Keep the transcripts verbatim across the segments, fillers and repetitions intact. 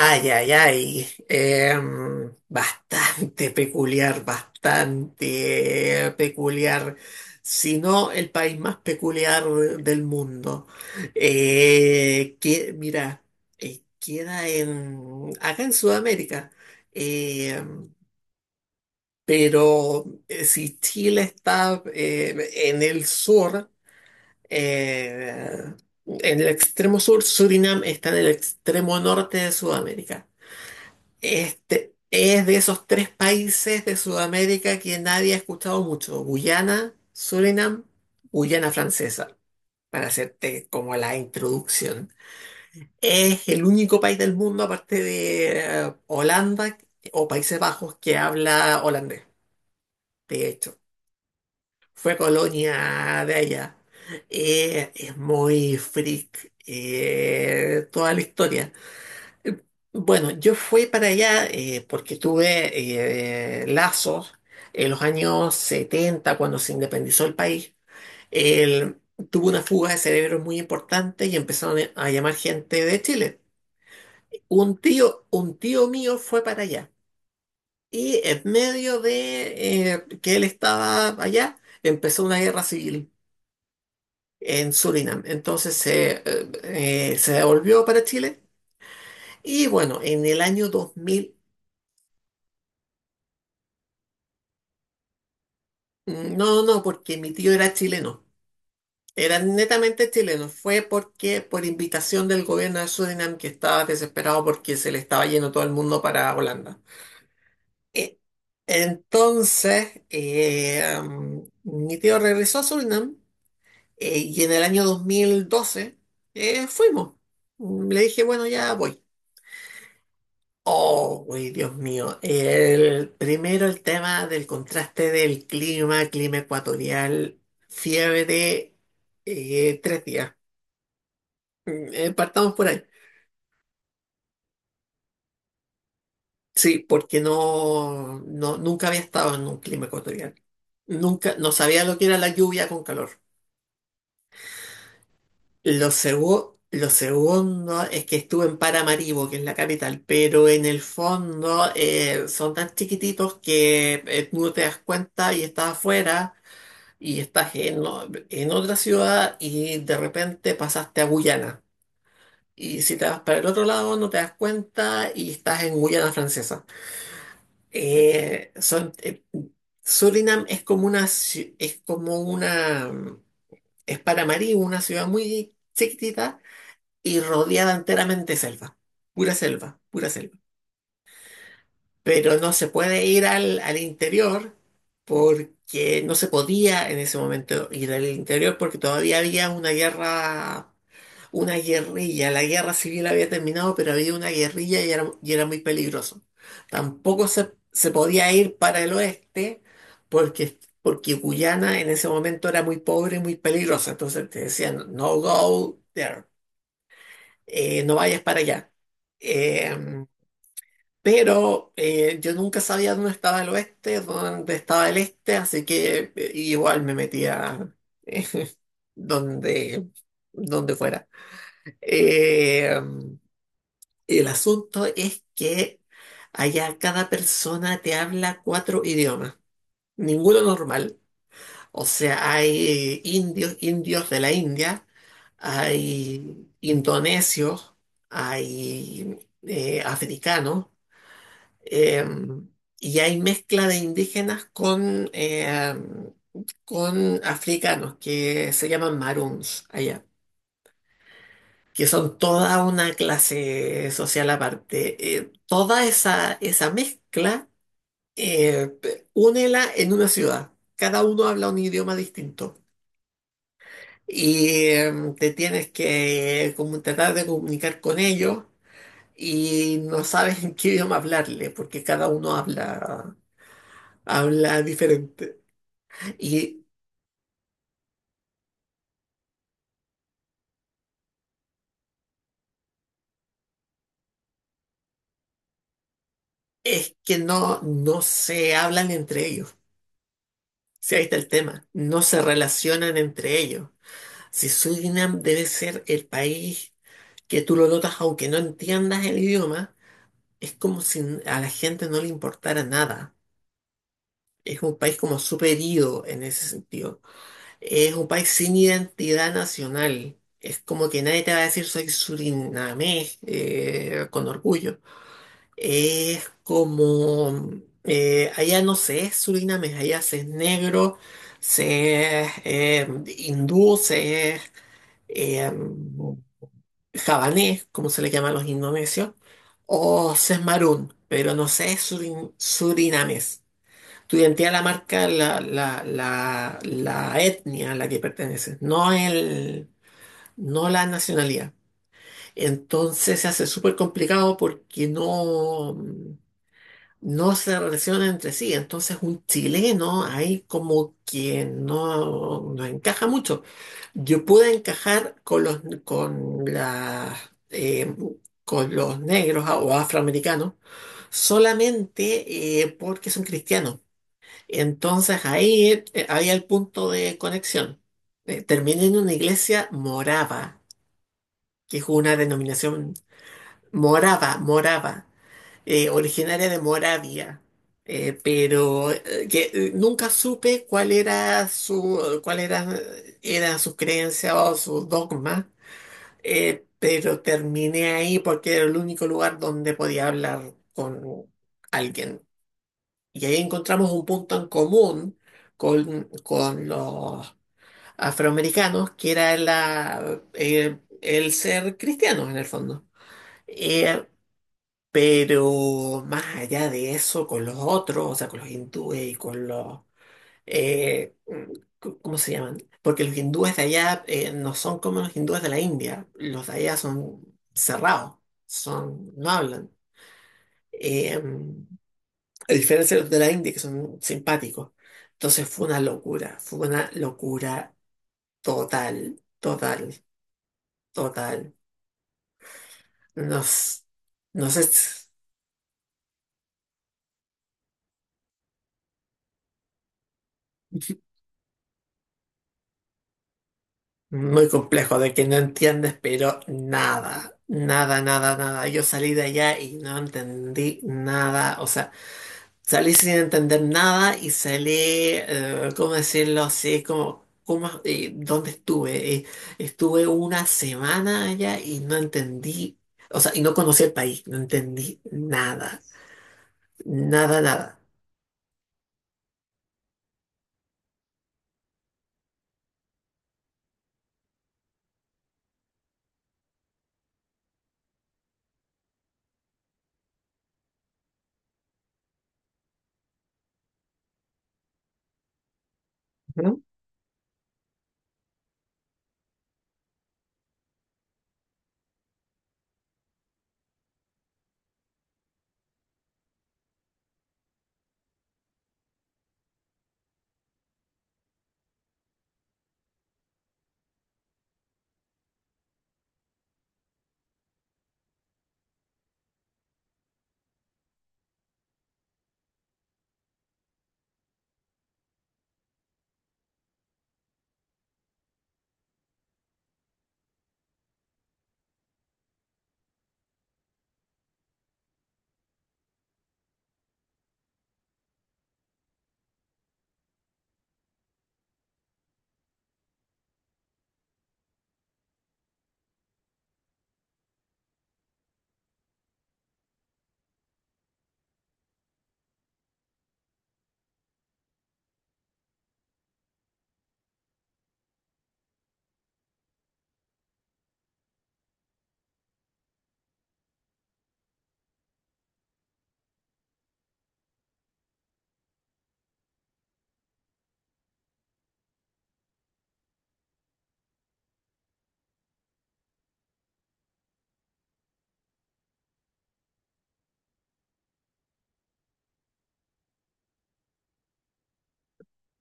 Ay, ay, ay. Em, bastante peculiar, bastante eh, peculiar. Si no, el país más peculiar del mundo. Eh, que, mira, eh, queda en, acá en Sudamérica. Em, pero eh, si Chile está eh, en el sur, eh, en el extremo sur, Surinam está en el extremo norte de Sudamérica. Este es de esos tres países de Sudamérica que nadie ha escuchado mucho: Guyana, Surinam, Guyana Francesa, para hacerte como la introducción. Es el único país del mundo, aparte de eh, Holanda o Países Bajos, que habla holandés. De hecho, fue colonia de allá. Eh, es muy freak eh, toda la historia. Eh, Bueno, yo fui para allá eh, porque tuve eh, lazos en los años setenta cuando se independizó el país. El- Tuvo una fuga de cerebros muy importante y empezaron a llamar gente de Chile. Un tío, un tío mío fue para allá y en medio de eh, que él estaba allá, empezó una guerra civil en Surinam. Entonces se eh, eh, se devolvió para Chile y bueno, en el año dos mil. Mm. No, no, porque mi tío era chileno, era netamente chileno. Fue porque por invitación del gobierno de Surinam, que estaba desesperado porque se le estaba yendo todo el mundo para Holanda. E- Entonces, eh, um, mi tío regresó a Surinam eh, y en el año dos mil doce eh, fuimos. Mm. Le dije, bueno, ya voy. Oh, uy, Dios mío. El, primero, el tema del contraste del clima, clima ecuatorial, fiebre, eh, tres días. Mm, eh, partamos por ahí. Sí, porque no, no, nunca había estado en un clima ecuatorial. Nunca, no sabía lo que era la lluvia con calor. Lo segu- lo segundo es que estuve en Paramaribo, que es la capital, pero en el fondo eh, son tan chiquititos que eh, tú no te das cuenta y estás afuera y estás en, o- en otra ciudad y de repente pasaste a Guyana. Y si te vas para el otro lado no te das cuenta y estás en Guyana francesa. Eh, son, eh, Surinam es como una, ci- es como una, mm, es para Marí, una ciudad muy chiquitita y rodeada enteramente de selva, pura selva, pura selva. Pero no se puede ir al, al interior porque no se podía en ese momento ir al interior porque todavía había una guerra, una guerrilla. La guerra civil había terminado, pero había una guerrilla y era, y era muy peligroso. Tampoco se, se podía ir para el oeste porque, porque Guyana en ese momento era muy pobre y muy peligrosa. Entonces te decían, no go there, eh, no vayas para allá. Eh, pero eh, yo nunca sabía dónde estaba el oeste, dónde estaba el este, así que eh, igual me metía eh, donde, donde fuera. Eh, el asunto es que allá cada persona te habla cuatro idiomas, ninguno normal. O sea, hay indios, indios de la India, hay indonesios, hay eh, africanos. Eh, y hay mezcla de indígenas con, eh, con africanos que se llaman maroons allá, que son toda una clase social aparte. Eh, toda esa, esa mezcla, eh, únela en una ciudad. Cada uno habla un idioma distinto. Y eh, Te tienes que como tratar de comunicar con ellos y no sabes en qué idioma hablarle, porque cada uno habla, habla diferente. Y es que no, no se hablan entre ellos. Si ahí está el tema. No se relacionan entre ellos. Si Surinam debe ser el país que tú lo notas, aunque no entiendas el idioma, es como si a la gente no le importara nada. Es un país como superido en ese sentido. Es un país sin identidad nacional. Es como que nadie te va a decir soy surinamés eh, con orgullo. Es como, eh, allá no se es surinamés, allá se es negro, se es eh, hindú, se es eh, javanés, como se le llama a los indonesios, o se es marún, pero no se es surin- surinamés. Tu identidad la marca la, la, la, la etnia a la que perteneces, no el, no la nacionalidad. Entonces se hace súper complicado porque no no se relacionan entre sí. Entonces un chileno ahí como que no, no encaja mucho. Yo pude encajar con los, con la eh, con los negros a- o afroamericanos solamente eh, porque son cristianos. Entonces ahí eh, había el punto de conexión. Eh, terminé en una iglesia morava, que es una denominación morava, morava eh, originaria de Moravia, eh, pero eh, que eh, nunca supe cuál era su, cuál era, era su creencia o su dogma, eh, pero terminé ahí porque era el único lugar donde podía hablar con alguien. Y ahí encontramos un punto en común con, con los afroamericanos, que era la, eh, el ser cristianos en el fondo. Eh, pero más allá de eso, con los otros, o sea, con los hindúes y con los... eh, c- ¿cómo se llaman? Porque los hindúes de allá eh, no son como los hindúes de la India. Los de allá son cerrados, son, no hablan. Eh, a diferencia de los de la India, que son simpáticos. Entonces fue una locura, fue una locura total, total, total. Nos, no sé. Muy complejo, de que no entiendes, pero nada, nada, nada, nada. Yo salí de allá y no entendí nada, o sea, salí sin entender nada y salí, eh, ¿cómo decirlo así? Como, ¿cómo, eh, dónde estuve? Eh, estuve una semana allá y no entendí, o sea, y no conocí el país, no entendí nada, nada, nada. Ujú.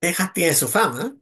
Texas tiene su fama, ¿eh?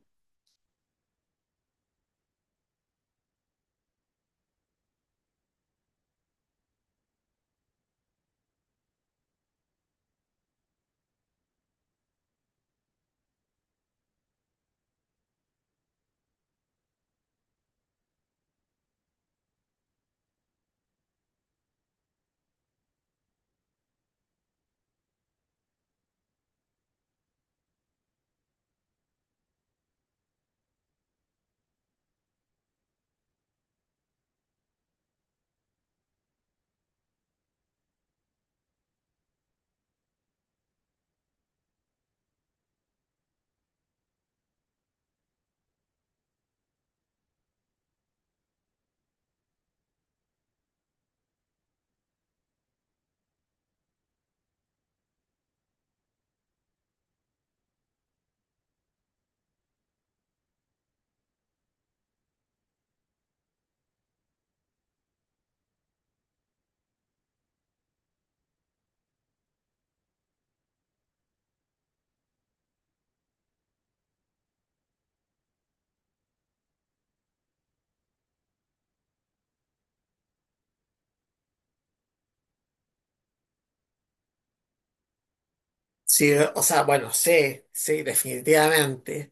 Sí, o sea, bueno, sí, sí, definitivamente.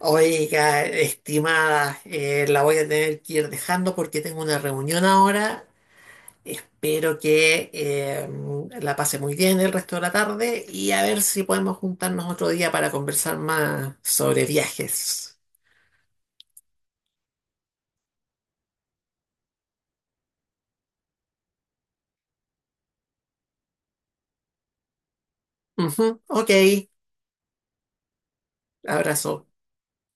Oiga, estimada, eh, la voy a tener que ir dejando porque tengo una reunión ahora. Espero que eh, la pase muy bien el resto de la tarde y a ver si podemos juntarnos otro día para conversar más sobre viajes. Ujú, ok, abrazo.